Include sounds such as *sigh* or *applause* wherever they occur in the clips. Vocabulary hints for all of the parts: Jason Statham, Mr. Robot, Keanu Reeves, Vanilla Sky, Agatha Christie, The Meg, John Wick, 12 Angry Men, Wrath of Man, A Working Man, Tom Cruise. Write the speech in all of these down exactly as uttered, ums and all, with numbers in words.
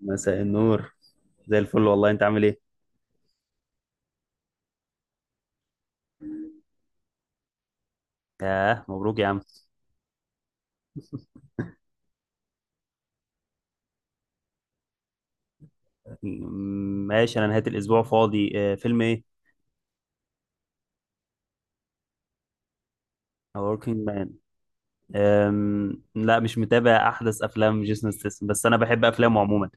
مساء النور. زي الفل، والله. انت عامل ايه؟ ياه، مبروك يا عم. م- ماشي، انا نهاية الاسبوع فاضي. آه، فيلم ايه؟ A Working Man. أم... لا، مش متابع احدث افلام جيسون ستاثام، بس انا بحب افلامه عموما.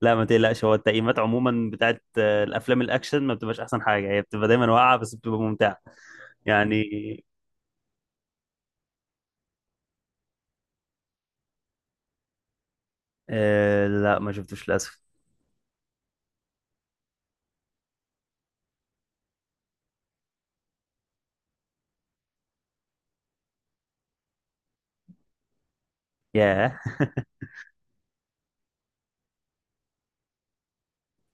لا، ما تقلقش، هو التقييمات عموما بتاعت آه، الافلام الاكشن ما بتبقاش احسن حاجة، هي بتبقى دايما واقعة بس بتبقى ممتعة. يعني أه... لا، ما شفتوش للاسف. ياه. *laughs*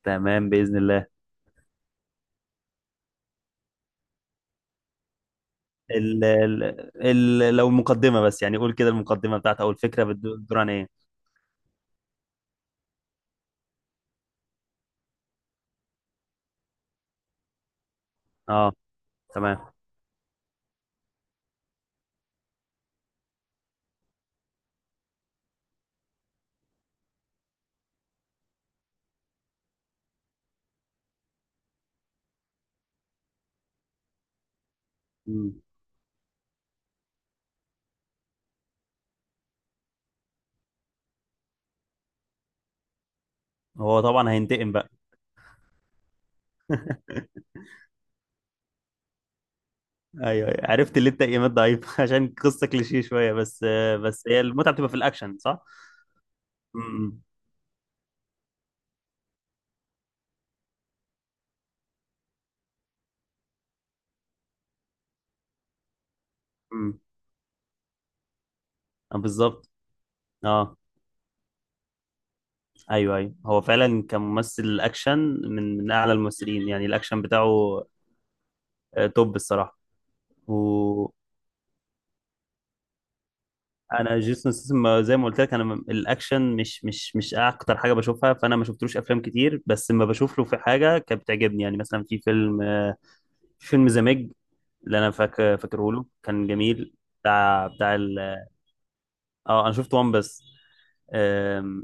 تمام، بإذن الله. ال... ال... ال... لو المقدمة بس، يعني قول كده، المقدمة بتاعت او الفكرة بتدور عن ايه؟ اه. تمام. مم. هو طبعا هينتقم بقى. *laughs* ايوه، أيوة. عرفت اللي انت ايمات ضعيف. *laughs* عشان قصه كليشيه شويه، بس. بس هي المتعه بتبقى في الاكشن، صح؟ امم. امم. آه، بالظبط. اه، ايوه ايوه، هو فعلا كممثل اكشن من من اعلى الممثلين، يعني الاكشن بتاعه آه، توب الصراحه. وانا جيسون ستاثام، زي ما قلت لك، انا م- الاكشن مش مش مش اكتر حاجه بشوفها، فانا ما شفتلوش افلام كتير، بس لما بشوف له في حاجه كانت بتعجبني. يعني مثلا في فيلم آه، فيلم ذا ميج اللي انا فاكر فاكره له، كان جميل. بتاع بتاع ال... اه، انا شفت وان بس. آم،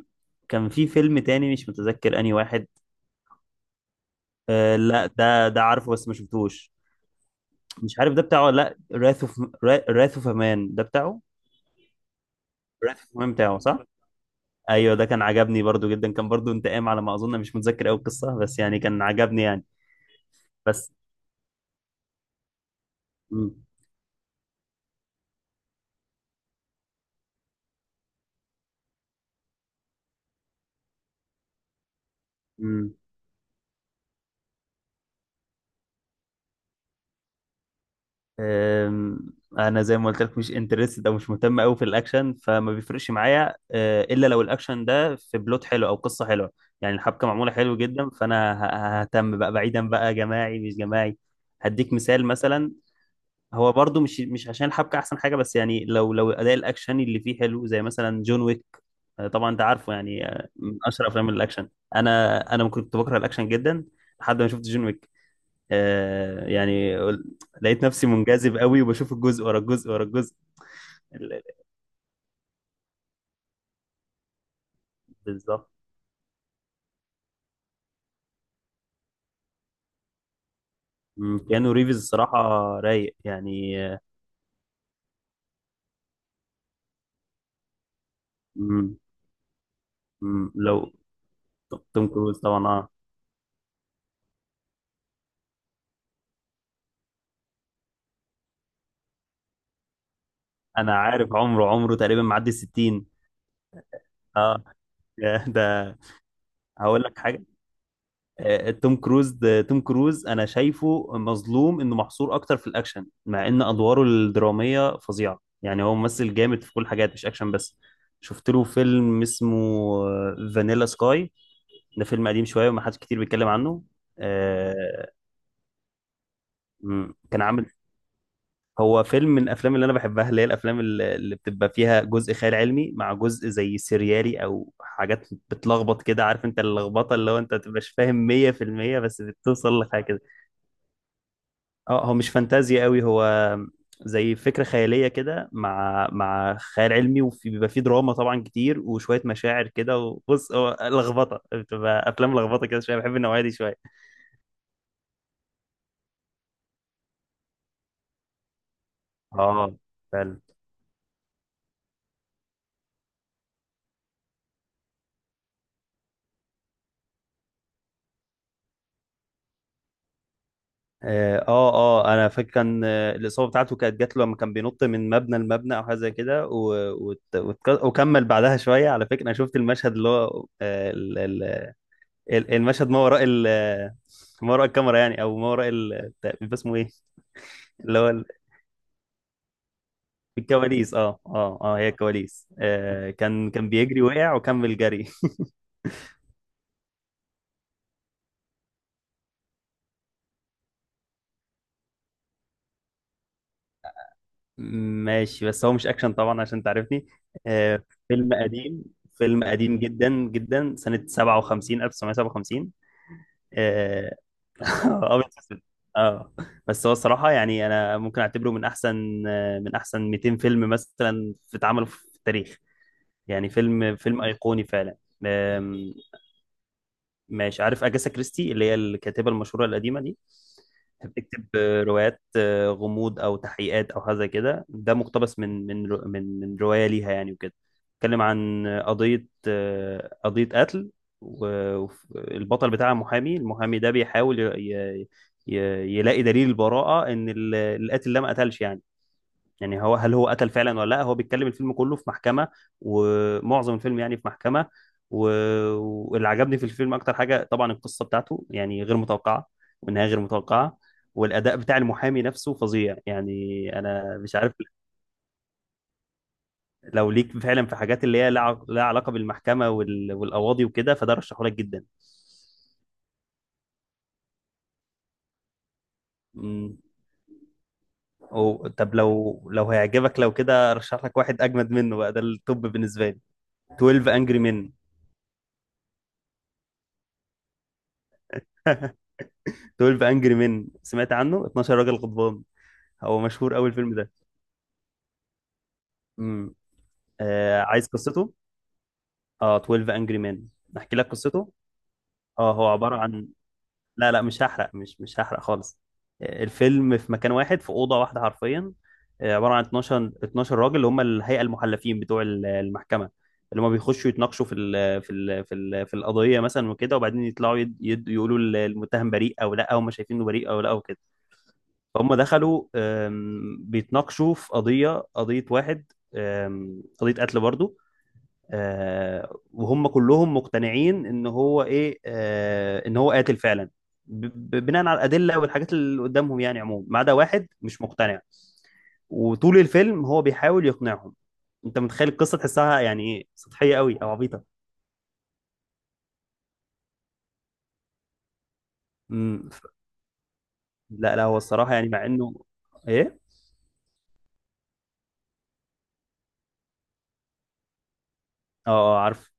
كان في فيلم تاني مش متذكر انهي واحد. آه لا، ده ده عارفه بس ما شفتوش. مش عارف ده بتاعه ولا... لا، راث اوف، راث اوف امان ده بتاعه. راث اوف امان بتاعه، صح. ايوه، ده كان عجبني برضو جدا، كان برضو انتقام على ما اظن، مش متذكر قوي القصه بس يعني كان عجبني يعني. بس. مم. مم. أم، انا زي ما قلت لك مش انترستد او مش مهتم قوي في الاكشن، فما بيفرقش معايا أه، الا لو الاكشن ده في بلوت حلو او قصه حلوه. يعني الحبكه معموله حلو جدا، فانا ه- ههتم بقى، بعيدا بقى جماعي مش جماعي. هديك مثال مثلا. هو برضو مش مش عشان الحبكه احسن حاجه، بس يعني لو لو اداء الاكشن اللي فيه حلو زي مثلا جون ويك. أه، طبعا انت عارفه، يعني أه، من اشهر افلام الاكشن. انا انا كنت بكره الاكشن جدا لحد ما شفت جون ويك. آه يعني لقيت نفسي منجذب قوي، وبشوف الجزء ورا الجزء ورا الجزء. ال- ال- بالظبط. مم، كيانو ريفز الصراحة رايق، يعني آه، مم، مم، لو توم كروز، طبعا اه. انا عارف عمره، عمره تقريبا معدي الستين. اه. *laughs* ده، هقول لك حاجة. آه، توم كروز، ده توم كروز انا شايفه مظلوم انه محصور اكتر في الاكشن، مع ان ادواره الدراميه فظيعه. يعني هو ممثل جامد في كل حاجات مش اكشن بس. شفت له فيلم اسمه فانيلا سكاي، ده فيلم قديم شويه وما حدش كتير بيتكلم عنه. آه، مم، كان عامل. هو فيلم من الافلام اللي انا بحبها، اللي هي الافلام اللي اللي بتبقى فيها جزء خيال علمي مع جزء زي سيريالي، او حاجات بتلخبط كده، عارف انت اللخبطه، اللي هو انت ما تبقاش فاهم مية في المية، بس بتوصل لحاجه كده. اه، هو مش فانتازيا قوي. هو زي فكرة خيالية كده مع مع خيال علمي، وفي بيبقى فيه دراما طبعا كتير وشوية مشاعر كده. وبص، هو لخبطة، بتبقى أفلام لخبطة كده شوية، بحب النوعية دي شوية. اه، فعلا. اه اه، آه، انا فاكر كان آه، الاصابه بتاعته كانت جات له لما كان بينط من مبنى لمبنى، او حاجه زي كده. و- وت- وتك- وكمل بعدها شويه. على فكره انا شفت المشهد اللي هو آه، ال- ال- ال- المشهد ما وراء ال- ما وراء الكاميرا، يعني، او ما وراء ال- بيبقى اسمه ايه؟ اللي هو الكواليس، اه اه اه، هي الكواليس. آه، كان كان بيجري، وقع وكمل جري. *laughs* ماشي، بس هو مش اكشن طبعا عشان تعرفني. آه فيلم قديم، فيلم قديم جدا جدا، سنة سبعة وخمسين ألف وتسعمية وسبعة وخمسين. اه. *laughs* ابيض وأسود. اه، بس هو الصراحة يعني انا ممكن اعتبره من احسن آه، من احسن مئتين فيلم مثلا في اتعملوا في التاريخ. يعني فيلم فيلم ايقوني فعلا. ماشي. عارف أجاسا كريستي اللي هي الكاتبة المشهورة القديمة دي؟ بتكتب روايات آه، غموض او تحقيقات او حاجه زي كده. ده مقتبس من من رو- من من روايه ليها، يعني وكده. بتتكلم عن قضيه آه، قضيه قتل، والبطل بتاعها محامي. المحامي ده بيحاول ي- ي- ي- يلاقي دليل البراءه ان ال- القاتل ده ما قتلش، يعني. يعني هو، هل هو قتل فعلا ولا لا؟ هو بيتكلم الفيلم كله في محكمة، ومعظم الفيلم يعني في محكمة. و... واللي عجبني في الفيلم اكتر حاجة طبعا القصة بتاعته، يعني غير متوقعة، والنهاية غير متوقعة، والاداء بتاع المحامي نفسه فظيع. يعني انا مش عارف. لو ليك فعلا في حاجات اللي هي لها لها علاقة بالمحكمة وال... والقواضي وكده، فده رشحه لك جدا. امم. أو... طب لو لو هيعجبك، لو كده، رشح لك واحد اجمد منه بقى. ده التوب بالنسبة لي. اتناشر انجري Men. اتناشر انجري مين، سمعت عنه؟ اتناشر راجل غضبان. هو مشهور قوي الفيلم ده. امم. آه، عايز قصته. اه، اتناشر انجري مين. احكي لك قصته. اه، هو عبارة عن... لا لا، مش هحرق، مش مش هحرق خالص. آه، الفيلم في مكان واحد، في أوضة واحدة حرفيا. آه، عبارة عن اتناشر اتناشر راجل، اللي هم الهيئة المحلفين بتوع ال- المحكمة. اللي هم بيخشوا يتناقشوا في ال في ال في ال في القضية مثلا وكده، وبعدين يطلعوا يد يد يقولوا ال- المتهم بريء أو لا، هم شايفينه بريء أو لا، وكده. فهم دخلوا آم، بيتناقشوا في قضية قضية واحد، آم، قضية قتل برضو. آه، وهم كلهم مقتنعين ان هو ايه، آه، ان هو قاتل فعلا، ب- ب- بناء على الأدلة والحاجات اللي قدامهم. يعني عموما، ما عدا واحد مش مقتنع. وطول الفيلم هو بيحاول يقنعهم. انت متخيل القصة، تحسها يعني ايه، سطحية قوي او عبيطة؟ مم. ف- لا لا، هو الصراحة يعني مع انه... ايه. اه. آه، عارف.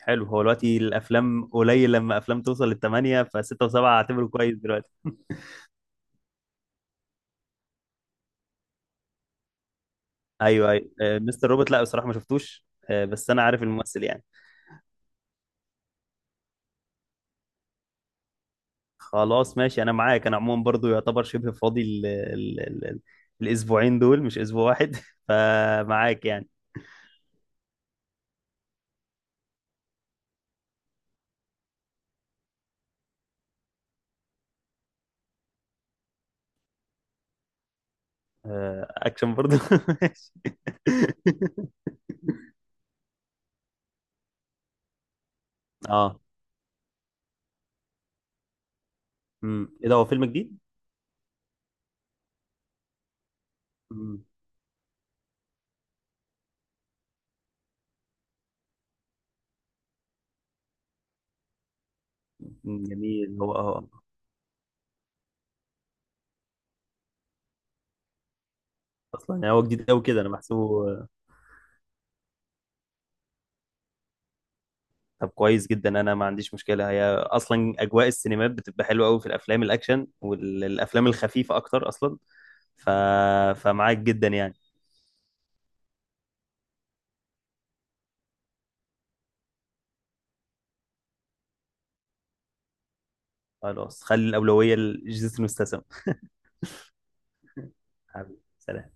حلو. هو دلوقتي الافلام قليل لما افلام توصل للثمانيه، فسته وسبعه اعتبره كويس دلوقتي. ايوه ايوه، آه، مستر روبوت لا بصراحه ما شفتوش، آه، بس انا عارف الممثل يعني. خلاص، ماشي، انا معاك. انا عموما برضو يعتبر شبه فاضي ال ال ال ال الاسبوعين دول، مش اسبوع واحد. *laughs* فمعاك يعني. آه، اكشن برضو. *laughs* ماشي. اه. امم، ايه ده، هو فيلم جديد؟ مم. جميل، هو اه. اصلا يعني هو جديد قوي كده انا بحسبه. طب كويس جدا، انا ما عنديش مشكله. هي اصلا اجواء السينمات بتبقى حلوه قوي في الافلام الاكشن والافلام الخفيفه اكتر اصلا. ف... فمعاك جدا يعني. خلاص، خلي الاولويه لجيسون ستاثام. حبيبي سلام.